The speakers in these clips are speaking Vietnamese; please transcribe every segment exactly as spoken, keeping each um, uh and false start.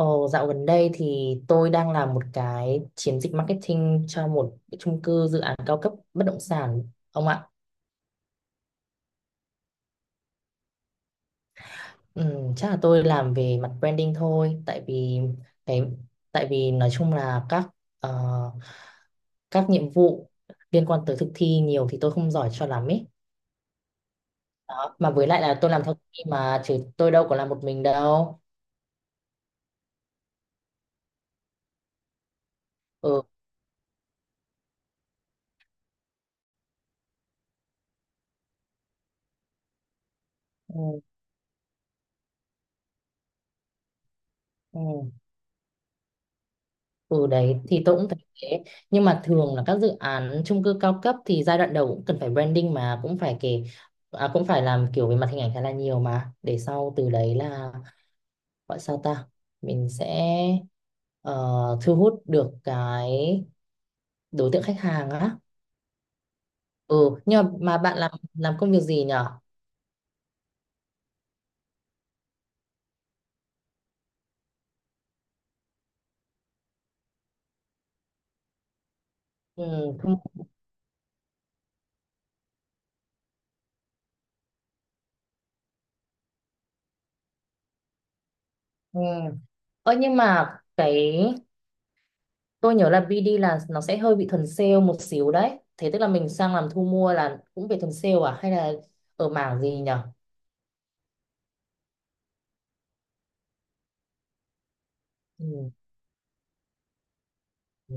Ồ, dạo gần đây thì tôi đang làm một cái chiến dịch marketing cho một cái chung cư dự án cao cấp bất động sản ông ạ. Ừ, chắc là tôi làm về mặt branding thôi, tại vì cái tại vì nói chung là các ờ, các nhiệm vụ liên quan tới thực thi nhiều thì tôi không giỏi cho lắm ấy. Đó. Mà với lại là tôi làm theo team mà chứ tôi đâu có làm một mình đâu. Ừ. Ừ. Ừ. Ừ đấy thì tôi cũng thấy thế, nhưng mà thường là các dự án chung cư cao cấp thì giai đoạn đầu cũng cần phải branding, mà cũng phải kể à, cũng phải làm kiểu về mặt hình ảnh khá là nhiều, mà để sau từ đấy là, gọi sao ta, mình sẽ ờ, thu hút được cái đối tượng khách hàng á. Ừ, nhưng mà, mà bạn làm làm công việc gì nhở? ừ, không- ừ. Ơ nhưng mà cái Tôi nhớ là bê đê là nó sẽ hơi bị thuần sale một xíu đấy. Thế tức là mình sang làm thu mua là cũng về thuần sale à? Hay là ở mảng gì nhở? Ừ. Ừ.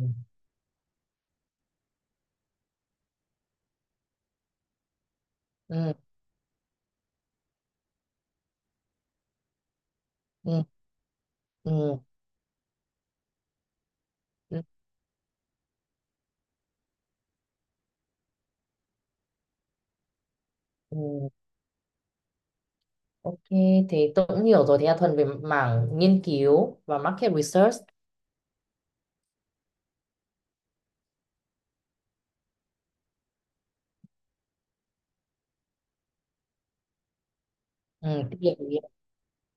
Ừ. Ừ. Ừ. Ừ, ừ. Ok, thế tôi cũng hiểu rồi. Thế là thuần về mảng nghiên cứu và market research. Ừ. Tôi hiểu, tôi hiểu.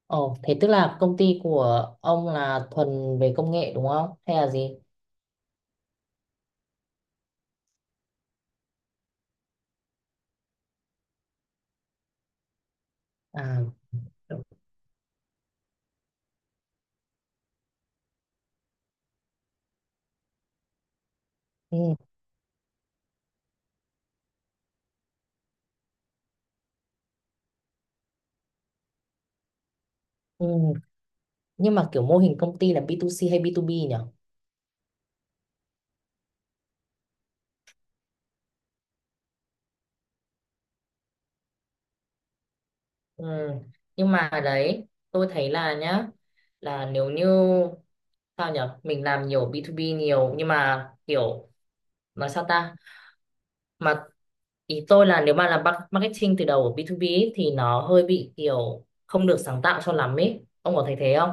Ồ, thế tức là công ty của ông là thuần về công nghệ đúng không? Hay là gì? À, ừ. Ừ. Nhưng mà kiểu mô hình công ty là bê hai xê hay bê hai bê nhỉ? Ừ. Nhưng mà đấy, tôi thấy là nhá, là nếu như, sao nhở, mình làm nhiều bê hai bê nhiều nhưng mà kiểu, nói sao ta, mà ý tôi là nếu mà làm mar- marketing từ đầu ở bê hai bê ấy, thì nó hơi bị kiểu không được sáng tạo cho lắm ấy, ông có thấy thế không?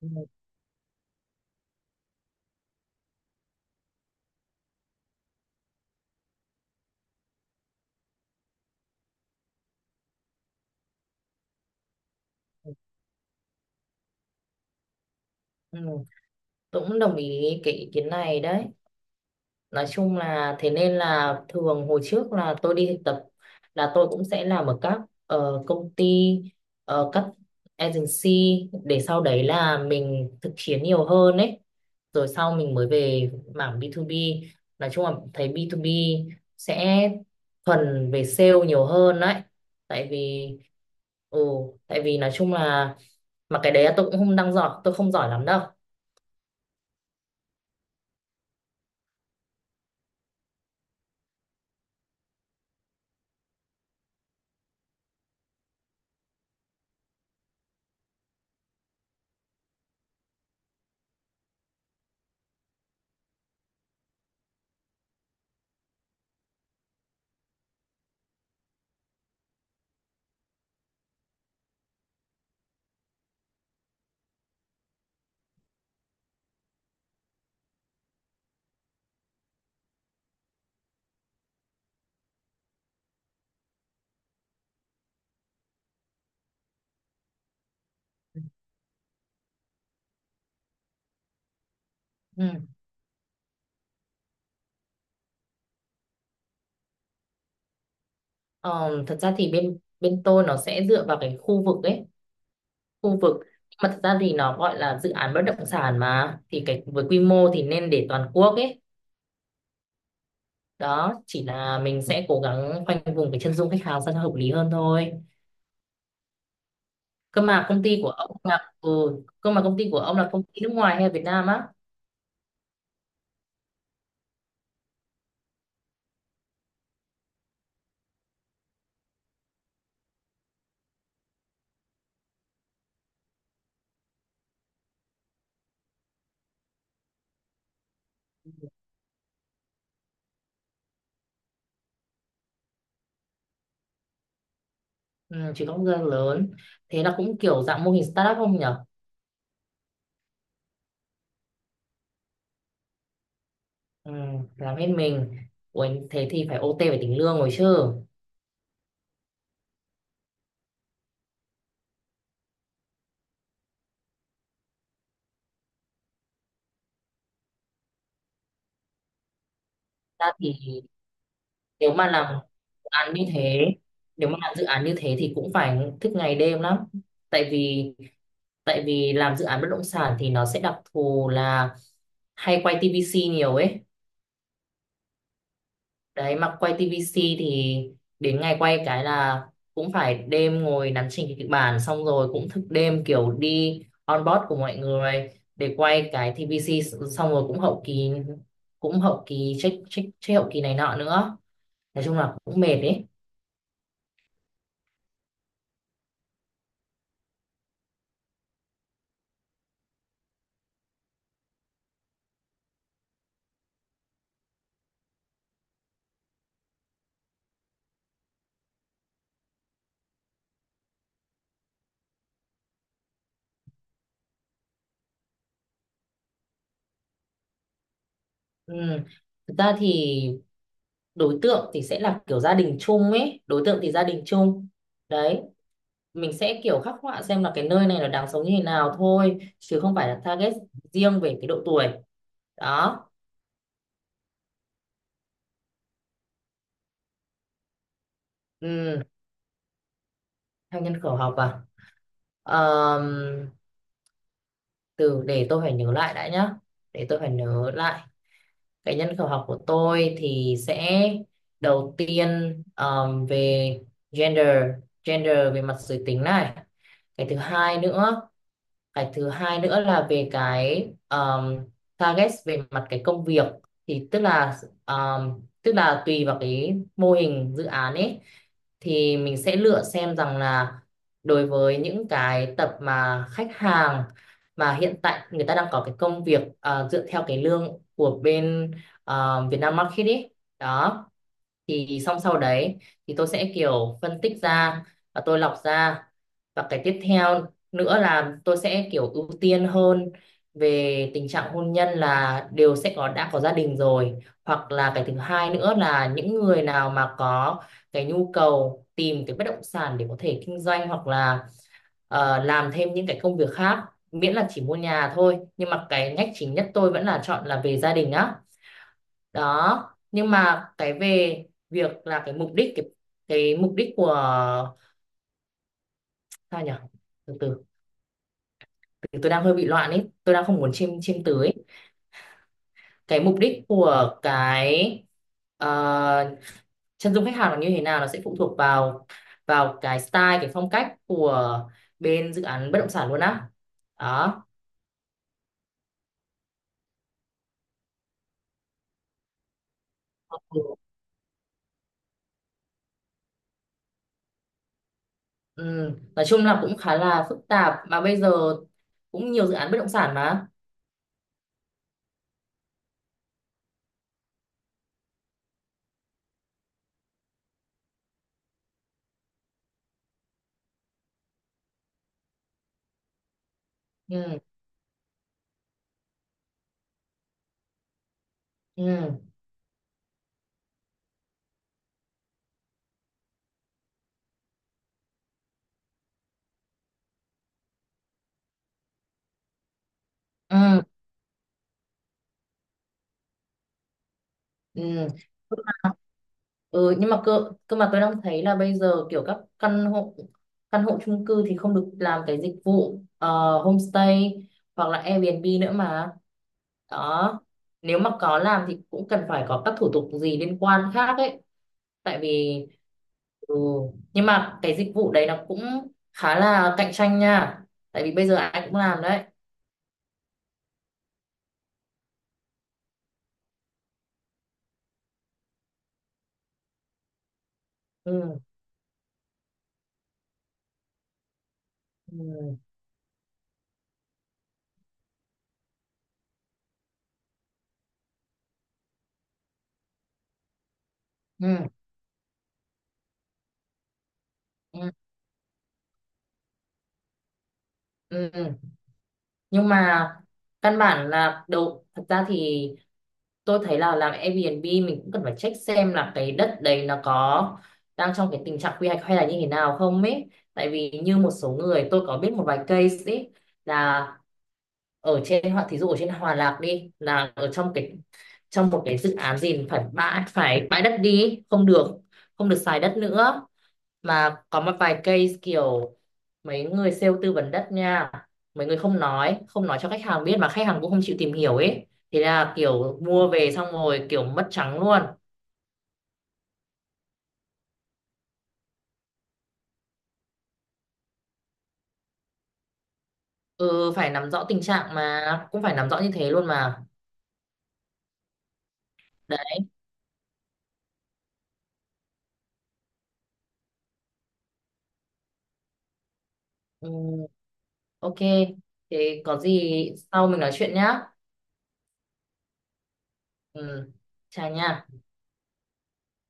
Ừ. Ừ. Tôi cũng đồng ý cái ý kiến này đấy. Nói chung là thế, nên là thường hồi trước là tôi đi thực tập, là tôi cũng sẽ làm ở các ờ, công ty, ờ, các agency, để sau đấy là mình thực chiến nhiều hơn ấy, rồi sau mình mới về mảng bê hai bê. Nói chung là thấy bê hai bê sẽ thuần về sale nhiều hơn đấy, tại vì ừ tại vì nói chung là, mà cái đấy là tôi cũng không đang giỏi, tôi không giỏi lắm đâu. Ừ. Ờ, thật ra thì bên bên tôi nó sẽ dựa vào cái khu vực ấy, khu vực. Nhưng mà thật ra thì nó gọi là dự án bất động sản mà, thì cái với quy mô thì nên để toàn quốc ấy, đó, chỉ là mình sẽ cố gắng khoanh vùng cái chân dung khách hàng sao cho hợp lý hơn thôi. cơ mà công ty của ông là ừ, Cơ mà công ty của ông là công ty nước ngoài hay là Việt Nam á? Ừ, chỉ có người lớn. Thế là cũng kiểu dạng mô hình startup không nhở? Ừ, làm hết mình. Ủa, thế thì phải ô tê về tính lương rồi chứ. Thật ra thì, nếu mà làm án như thế nếu mà làm dự án như thế thì cũng phải thức ngày đêm lắm, tại vì tại vì làm dự án bất động sản thì nó sẽ đặc thù là hay quay tê vê xê nhiều ấy. Đấy, mà quay tê vê xê thì đến ngày quay cái là cũng phải đêm ngồi nắn chỉnh cái kịch bản, xong rồi cũng thức đêm kiểu đi on board của mọi người để quay cái tê vê xê, xong rồi cũng hậu kỳ cũng hậu kỳ check check check, hậu kỳ này nọ nữa, nói chung là cũng mệt ấy. Ừ. Thực ra thì đối tượng thì sẽ là kiểu gia đình chung ấy, đối tượng thì gia đình chung, đấy, mình sẽ kiểu khắc họa xem là cái nơi này là đáng sống như thế nào thôi, chứ không phải là target riêng về cái độ tuổi, đó. Ừ. Theo nhân khẩu học à? Ờm, Từ, để tôi phải nhớ lại đã nhá, để tôi phải nhớ lại. Cái nhân khẩu học của tôi thì sẽ, đầu tiên, ờm, về gender gender về mặt giới tính này. Cái thứ hai nữa cái thứ hai nữa là về cái, um, target về mặt cái công việc, thì tức là, um, tức là tùy vào cái mô hình dự án ấy, thì mình sẽ lựa xem rằng là đối với những cái tập mà khách hàng mà hiện tại người ta đang có cái công việc, à, dựa theo cái lương của bên, à, Vietnam Market ấy, đó, thì xong sau đấy thì tôi sẽ kiểu phân tích ra và tôi lọc ra. Và cái tiếp theo nữa là tôi sẽ kiểu ưu tiên hơn về tình trạng hôn nhân, là đều sẽ có, đã có gia đình rồi, hoặc là cái thứ hai nữa là những người nào mà có cái nhu cầu tìm cái bất động sản để có thể kinh doanh, hoặc là ờ, làm thêm những cái công việc khác, miễn là chỉ mua nhà thôi, nhưng mà cái ngách chính nhất tôi vẫn là chọn là về gia đình á, đó. Nhưng mà cái về việc là cái mục đích cái, cái mục đích của, sao nhỉ, từ từ, từ tôi đang hơi bị loạn ấy, tôi đang không muốn chiêm chiêm từ ấy. Cái mục đích của cái, ờ, chân dung khách hàng là như thế nào nó sẽ phụ thuộc vào, vào cái style, cái phong cách của bên dự án bất động sản luôn á, đó. Ừ. Ừ, nói chung là cũng khá là phức tạp, mà bây giờ cũng nhiều dự án bất động sản mà. Ừ. Ừ. Ừ. Ừ. Ừ, nhưng mà cơ cơ mà tôi đang thấy là bây giờ kiểu các căn hộ căn hộ chung cư thì không được làm cái dịch vụ, ờ, homestay hoặc là Airbnb nữa mà, đó. Nếu mà có làm thì cũng cần phải có các thủ tục gì liên quan khác ấy, tại vì, ừ, nhưng mà cái dịch vụ đấy nó cũng khá là cạnh tranh nha, tại vì bây giờ ai cũng làm đấy. Ừ. Ừ. Ừ. Ừ. Ừ. Nhưng mà căn bản là đầu, thật ra thì tôi thấy là làm Airbnb mình cũng cần phải check xem là cái đất đấy nó có đang trong cái tình trạng quy hoạch hay là như thế nào không ấy, tại vì như một số người, tôi có biết một vài case ấy, là ở trên Hòa- thí dụ ở trên Hòa Lạc đi, là ở trong cái, trong một cái dự án gì, phải bãi phải bãi đất đi ấy, không được không được xài đất nữa, mà có một vài case kiểu, mấy người sale tư vấn đất nha, mấy người không nói không nói cho khách hàng biết, mà khách hàng cũng không chịu tìm hiểu ấy, thế là kiểu mua về xong rồi kiểu mất trắng luôn. Ừ, phải nắm rõ tình trạng, mà cũng phải nắm rõ như thế luôn mà, đấy. Ừ, ok, thế có gì sau mình nói chuyện nhá. Ừ, chào nha.